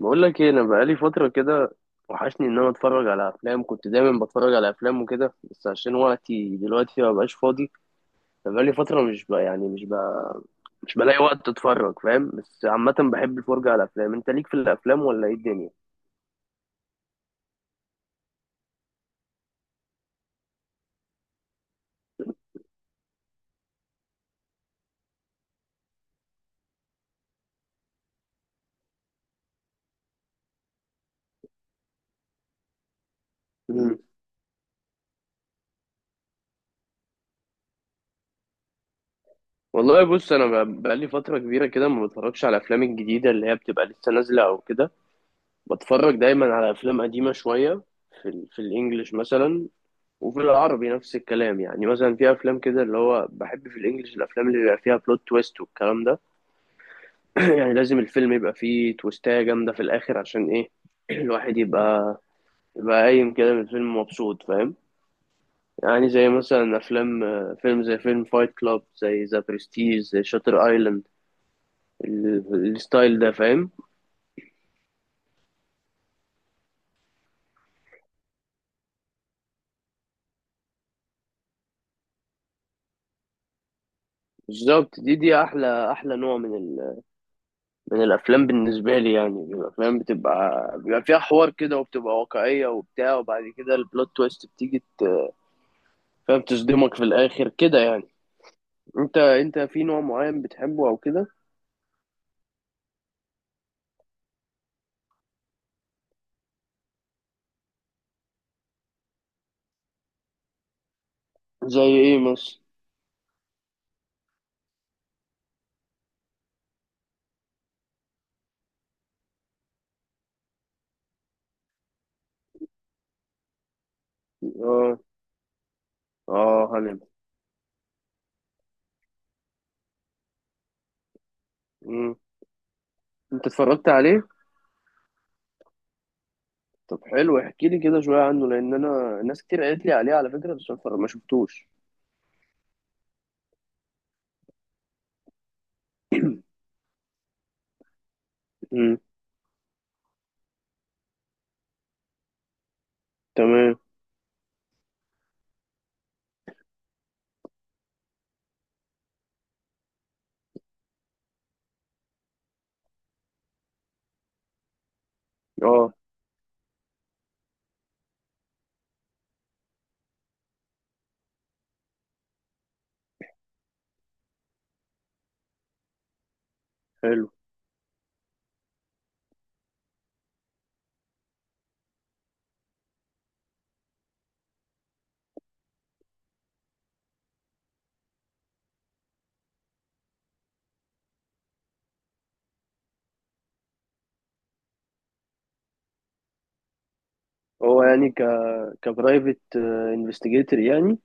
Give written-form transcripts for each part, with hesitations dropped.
بقول لك ايه، انا بقالي فتره كده وحشني ان انا اتفرج على افلام. كنت دايما بتفرج على افلام وكده، بس عشان وقتي دلوقتي ما بقاش فاضي. فبقالي فتره مش بقى مش بلاقي وقت اتفرج، فاهم؟ بس عامه بحب الفرجه على افلام. انت ليك في الافلام ولا ايه الدنيا؟ مم. والله بص، انا بقالي فتره كبيره كده ما بتفرجش على الافلام الجديده اللي هي بتبقى لسه نازله او كده. بتفرج دايما على افلام قديمه شويه، في في الانجليش مثلا، وفي العربي نفس الكلام. يعني مثلا في افلام كده، اللي هو بحب في الانجليش الافلام اللي بيبقى فيها بلوت تويست والكلام ده. يعني لازم الفيلم يبقى فيه تويستاية جامدة في الاخر، عشان ايه؟ الواحد يبقى يبقى قايم كده من الفيلم مبسوط، فاهم؟ يعني زي مثلا افلام، فيلم زي فيلم فايت كلاب، زي ذا برستيج، زي شاتر ايلاند. الستايل ده، فاهم؟ بالظبط، دي احلى نوع من الافلام بالنسبه لي. يعني من الافلام بيبقى فيها حوار كده، وبتبقى واقعيه وبتاع، وبعد كده البلوت تويست بتيجي فاهم، تصدمك في الاخر كده يعني. انت في نوع معين بتحبه او كده؟ زي ايه مثلا؟ اه اه، هانيبال. مم. انت اتفرجت عليه؟ طب حلو، احكي لي كده شويه عنه، لان انا ناس كتير قالت لي عليه على فكره، بس أنا ما شفتوش. مم. تمام. اه. حلو. هو يعني كبرايفت انفستيجيتور يعني؟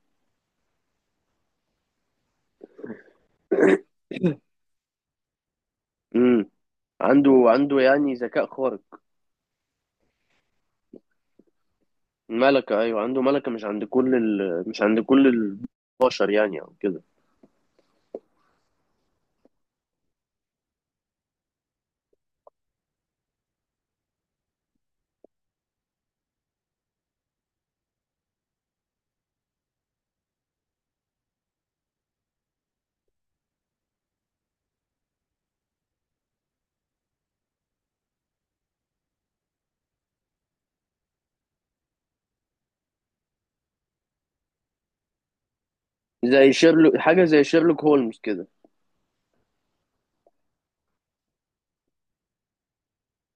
عنده يعني ذكاء خارق. ملكة، أيوة، عنده ملكة مش عند كل البشر يعني أو كده. زي شيرلوك حاجة، زي شيرلوك هولمز كده.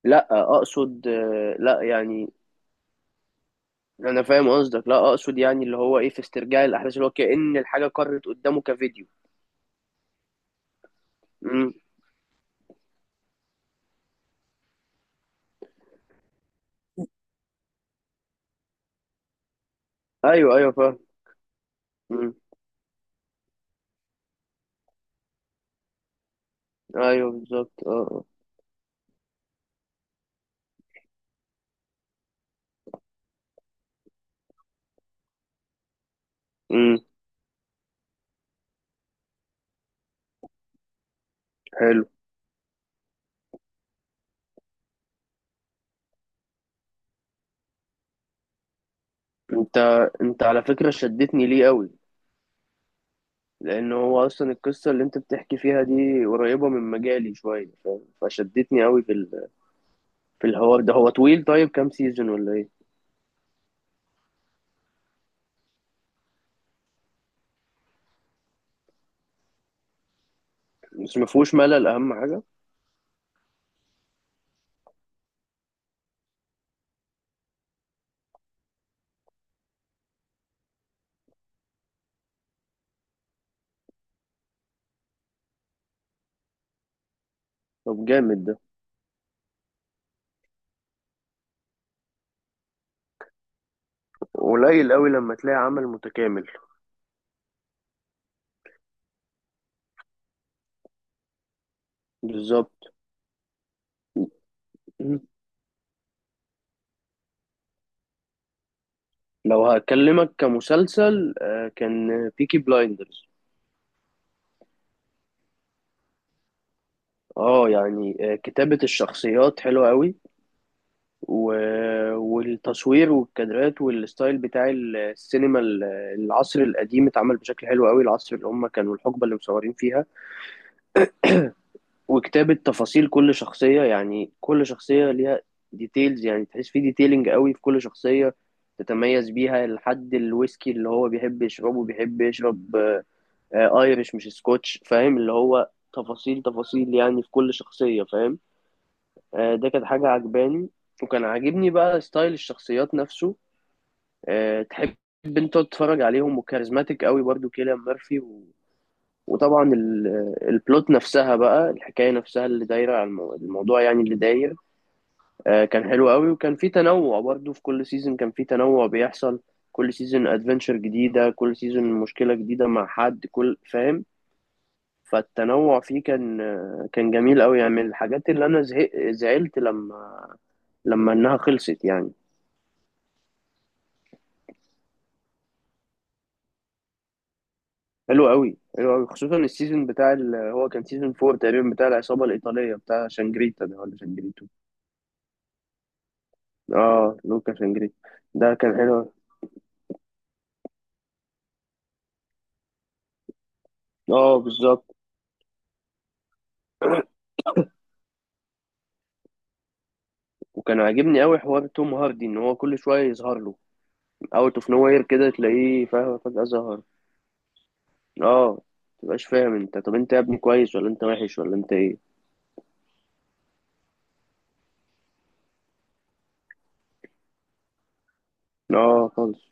لا أقصد، لا يعني، أنا فاهم قصدك. لا أقصد يعني اللي هو إيه، في استرجاع الأحداث، اللي هو كأن الحاجة قرت قدامه كفيديو. مم. أيوة أيوة، فاهم. مم. أيوة بالظبط، أه أه. مم. حلو. أنت أنت على فكرة شدتني ليه أوي؟ لأنه هو أصلا القصة اللي أنت بتحكي فيها دي قريبة من مجالي شوية، فاهم؟ فشدتني أوي في في الحوار ده. هو طويل طيب؟ كام سيزون ولا إيه؟ بس ما فيهوش ملل أهم حاجة؟ طب جامد ده. قليل أوي لما تلاقي عمل متكامل. بالظبط. مم. لو هكلمك كمسلسل، كان بيكي بلايندرز. اه كتابة الشخصيات حلوة أوي، و... والتصوير والكادرات والستايل بتاع السينما، العصر القديم اتعمل بشكل حلو قوي، العصر اللي هم كانوا، الحقبة اللي مصورين فيها. وكتابة تفاصيل كل شخصية، يعني كل شخصية ليها ديتيلز، يعني تحس في ديتيلينج قوي في كل شخصية تتميز بيها. لحد الويسكي اللي هو بيحب يشربه، بيحب يشرب ايرش مش سكوتش، فاهم؟ اللي هو تفاصيل تفاصيل يعني في كل شخصية، فاهم؟ ده كانت حاجة عجباني. وكان عاجبني بقى ستايل الشخصيات نفسه. تحب انت تتفرج عليهم، وكاريزماتيك قوي برضو كيليان ميرفي وطبعا البلوت نفسها بقى، الحكايه نفسها اللي دايره على الموضوع يعني اللي داير. كان حلو قوي، وكان في تنوع برضو، في كل سيزون كان في تنوع بيحصل. كل سيزون ادفنتشر جديده، كل سيزون مشكله جديده مع حد، كل فاهم. فالتنوع فيه كان كان جميل قوي، يعني من الحاجات اللي انا زعلت لما انها خلصت يعني. حلو قوي، حلو قوي، خصوصا السيزون بتاع هو كان سيزون فور تقريبا، بتاع العصابه الايطاليه، بتاع شانجريتا ده ولا شانجريتو. اه، لوكا شانجريتا. ده كان حلو. اه بالظبط. وكان عاجبني قوي حوار توم هاردي، ان هو كل شويه يظهر له اوت اوف نو وير كده، تلاقيه فاهم فجاه ظهر. اه. متبقاش فاهم انت، طب انت يا ابني كويس ولا انت وحش ولا انت ايه؟ اه خالص.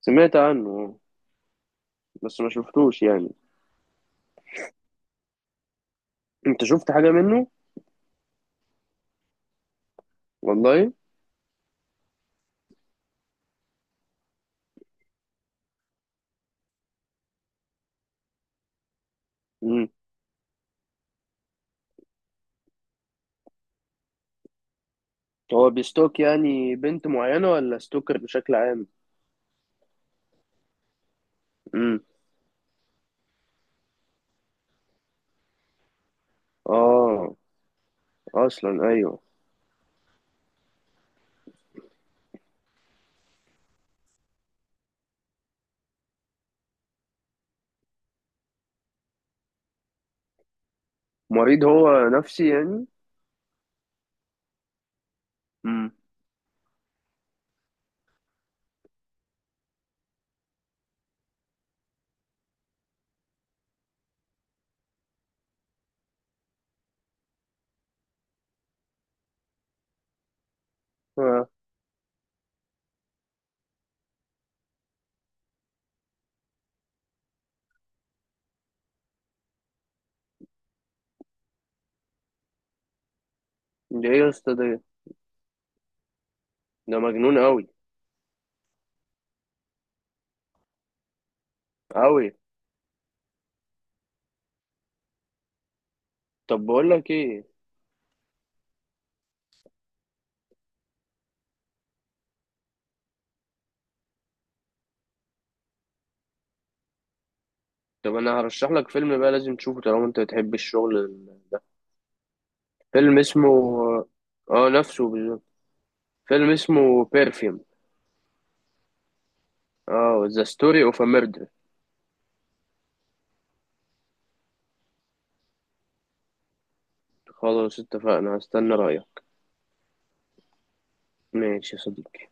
سمعت عنه، بس ما شفتوش يعني. انت شفت حاجه منه؟ والله. امم. هو بيستوك يعني بنت معينه، ولا ستوكر بشكل عام؟ امم. اه، اصلا ايوه. مريض هو نفسي يعني؟ امم. آه. ده ايه يا اسطى ده؟ ده مجنون قوي، قوي. طب بقول لك ايه طب انا هرشح لك فيلم بقى، لازم تشوفه طالما انت بتحب الشغل ده. فيلم اسمه، اه نفسه بالظبط، فيلم اسمه بيرفيوم. اه، ذا ستوري اوف ا ميردر. خلاص اتفقنا، هستنى رايك. ماشي يا صديقي.